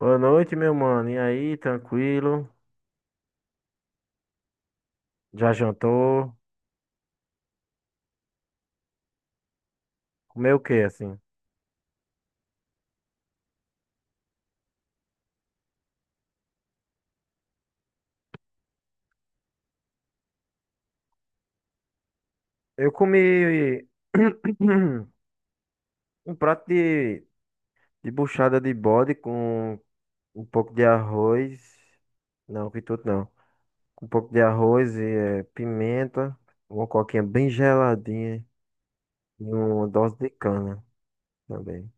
Boa noite, meu mano. E aí, tranquilo? Já jantou? Comeu o quê, assim? Eu comi um prato de buchada de bode com um pouco de arroz. Não, que tudo não. Com um pouco de arroz e pimenta, uma coquinha bem geladinha e uma dose de cana também.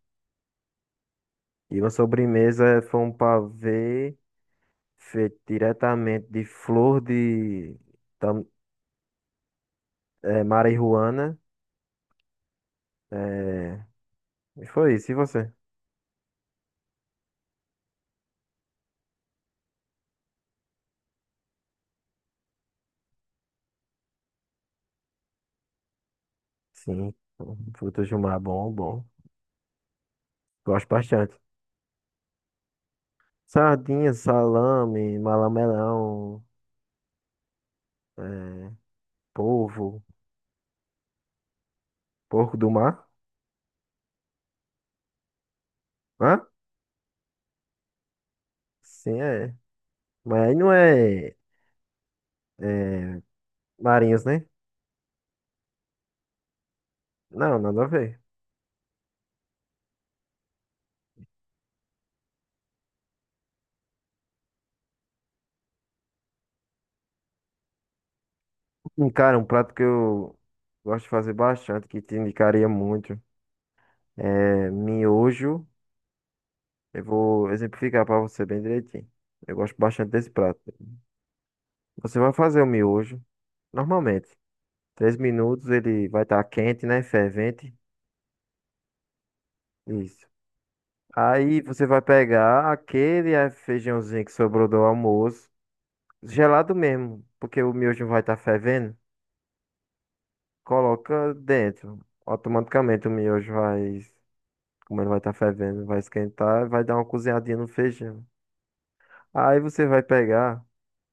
E uma sobremesa foi um pavê feito diretamente de flor de tam, marihuana. eh, E foi isso, e você? Sim, frutos do mar, bom, bom. Gosto bastante. Sardinha, salame, malamelão, é, polvo, porco do mar. Hã? Sim, é. Mas aí não é marinhos, né? Não, nada a ver. Cara, um prato que eu gosto de fazer bastante, que te indicaria muito, é miojo. Eu vou exemplificar para você bem direitinho. Eu gosto bastante desse prato. Você vai fazer o miojo, normalmente. 3 minutos ele vai estar quente, né? Fervente. Isso. Aí você vai pegar aquele feijãozinho que sobrou do almoço, gelado mesmo, porque o miojo vai estar fervendo. Coloca dentro. Automaticamente o miojo vai, como ele vai estar fervendo, vai esquentar, e vai dar uma cozinhadinha no feijão. Aí você vai pegar,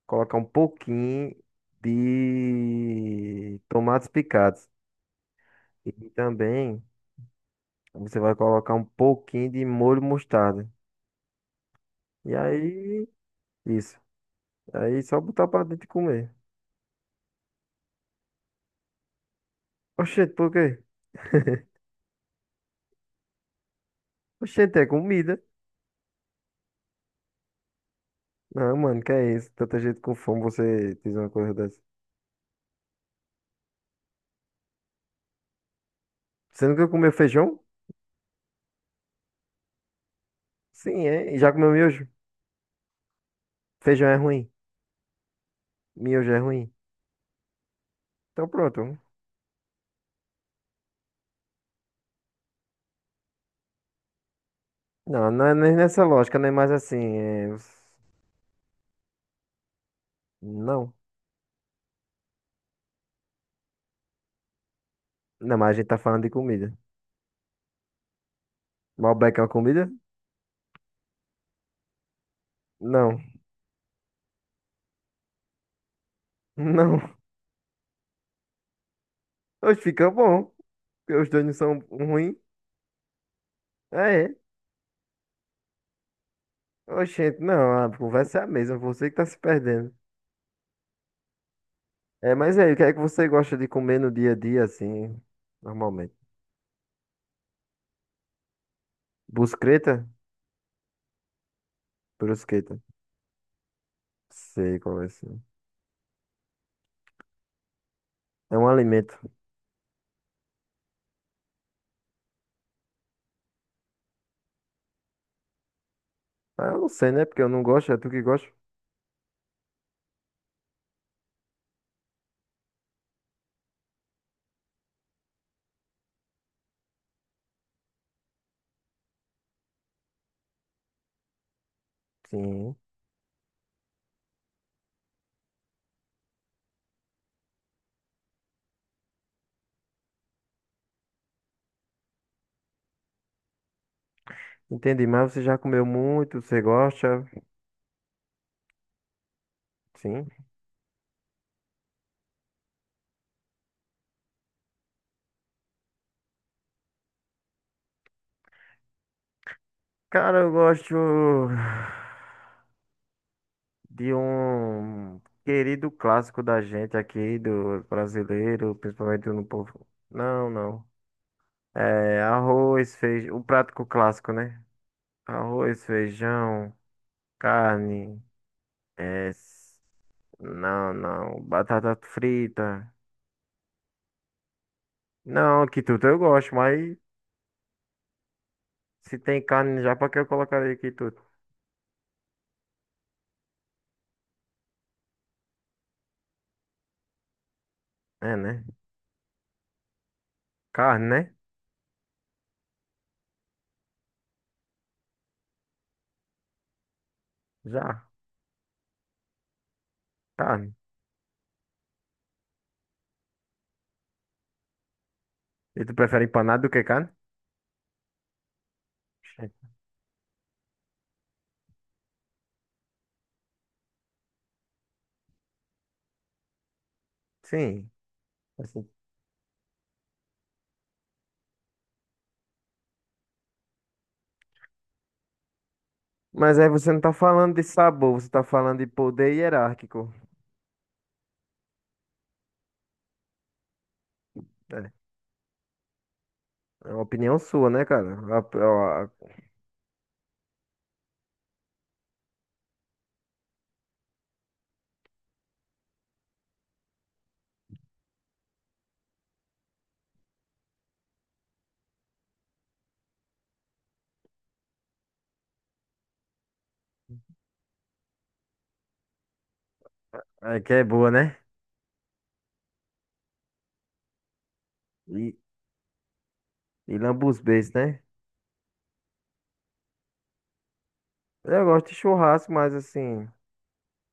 colocar um pouquinho de tomates picados e também você vai colocar um pouquinho de molho mostarda. E aí, isso. Aí só botar pra dentro e comer. Oxente, por quê? Oxente, é comida. Não, mano, que é isso? Tanta gente com fome, você diz uma coisa dessa. Você nunca comeu feijão? Sim, é. E já comeu miojo? Feijão é ruim. Miojo é ruim. Então pronto. Não, não é nem nessa lógica, nem mais assim. Não. Não, mas a gente tá falando de comida. Malbec é uma comida? Não. Não. Hoje fica bom. Porque os dois não são ruins. É, é. Oxente, não, a conversa é a mesma, você que tá se perdendo. É, mas aí, o que é que você gosta de comer no dia a dia, assim, normalmente? Brusqueta? Brusqueta. Sei qual é esse. É um alimento. Ah, eu não sei, né? Porque eu não gosto, é tu que gosta? Sim. Entendi, mas você já comeu muito, você gosta? Sim. Cara, eu gosto de um querido clássico da gente aqui, do brasileiro, principalmente no povo. Não, não. É, arroz, feijão, o prático clássico, né? Arroz, feijão, carne, é, s- não, não, batata frita. Não, quituta eu gosto, mas se tem carne já, pra que eu colocaria quituta? É, né? Carne, né? Já, carne. E tu prefere empanado do que carne? Oxente. Sim. Assim. Mas aí você não tá falando de sabor, você tá falando de poder hierárquico. É, é uma opinião sua, né, cara? A- é que é boa, né? E lambuzbês, né? Eu gosto de churrasco, mas assim,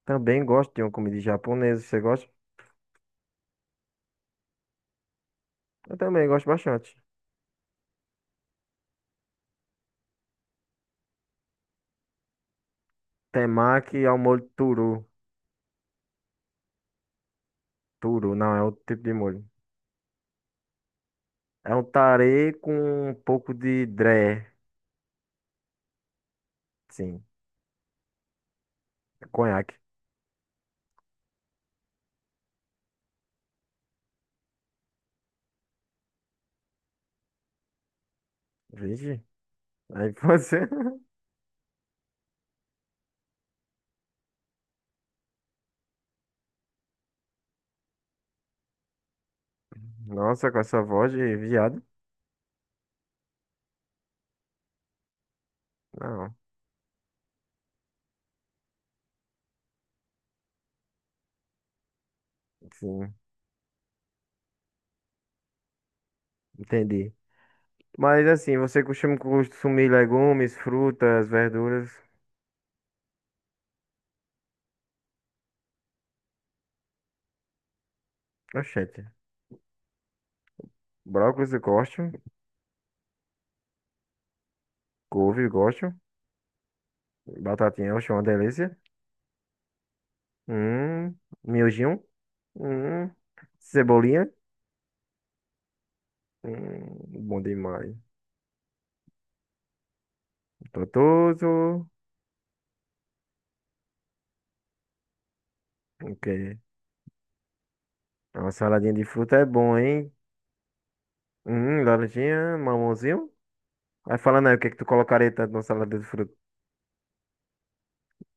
também gosto de uma comida japonesa. Você gosta? Eu também gosto bastante. Temaki ao molho turu. Turu, não, é outro tipo de molho. É um tare com um pouco de dré. Sim, conhaque. Vixe, aí você. Nossa, com essa voz de viado. Não, sim, entendi. Mas assim, você costuma consumir legumes, frutas, verduras? Oxente. Brócolis eu gosto. Couve eu gosto. Batatinha, oxe, uma delícia. Hum, miojinho. Hum, cebolinha. Hum, bom demais. Gostoso. Ok. Uma saladinha de fruta é bom, hein? Laranjinha, mamãozinho. Vai falando aí o que é que tu colocaria tanto na salada de fruta.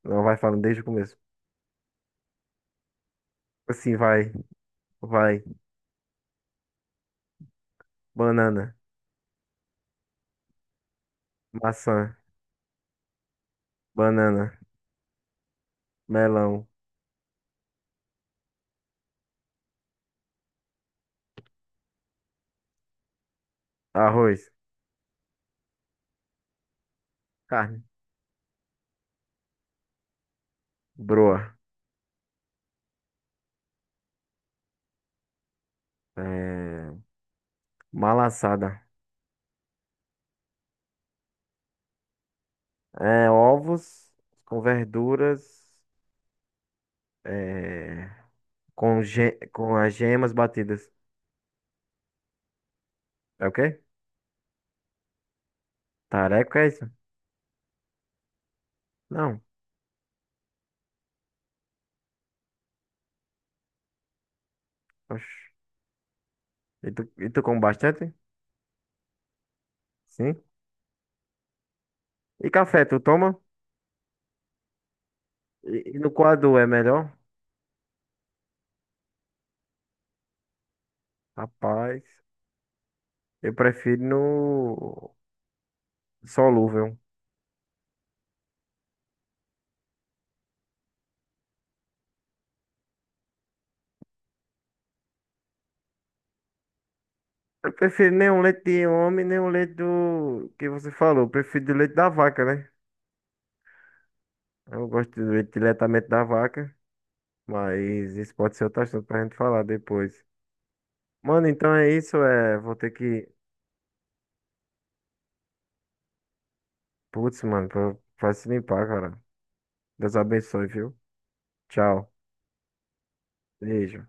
Não, vai falando desde o começo. Assim, vai, vai. Banana, maçã, banana, melão, arroz, carne, broa, é, malassada. É, ovos com verduras, é, com as gemas batidas. É o quê? Tareco é isso? Não. Oxe. E tu come bastante? Sim. E café, tu toma? E no coador é melhor? Rapaz, eu prefiro no solúvel. Eu prefiro nem o leite de homem, nem o leite do que você falou. Eu prefiro do leite da vaca, né? Eu gosto do leite diretamente da vaca, mas isso pode ser outro assunto pra gente falar depois. Mano, então é isso, é. Vou ter que. Putz, mano, vai se limpar, cara. Deus abençoe, viu? Tchau. Beijo.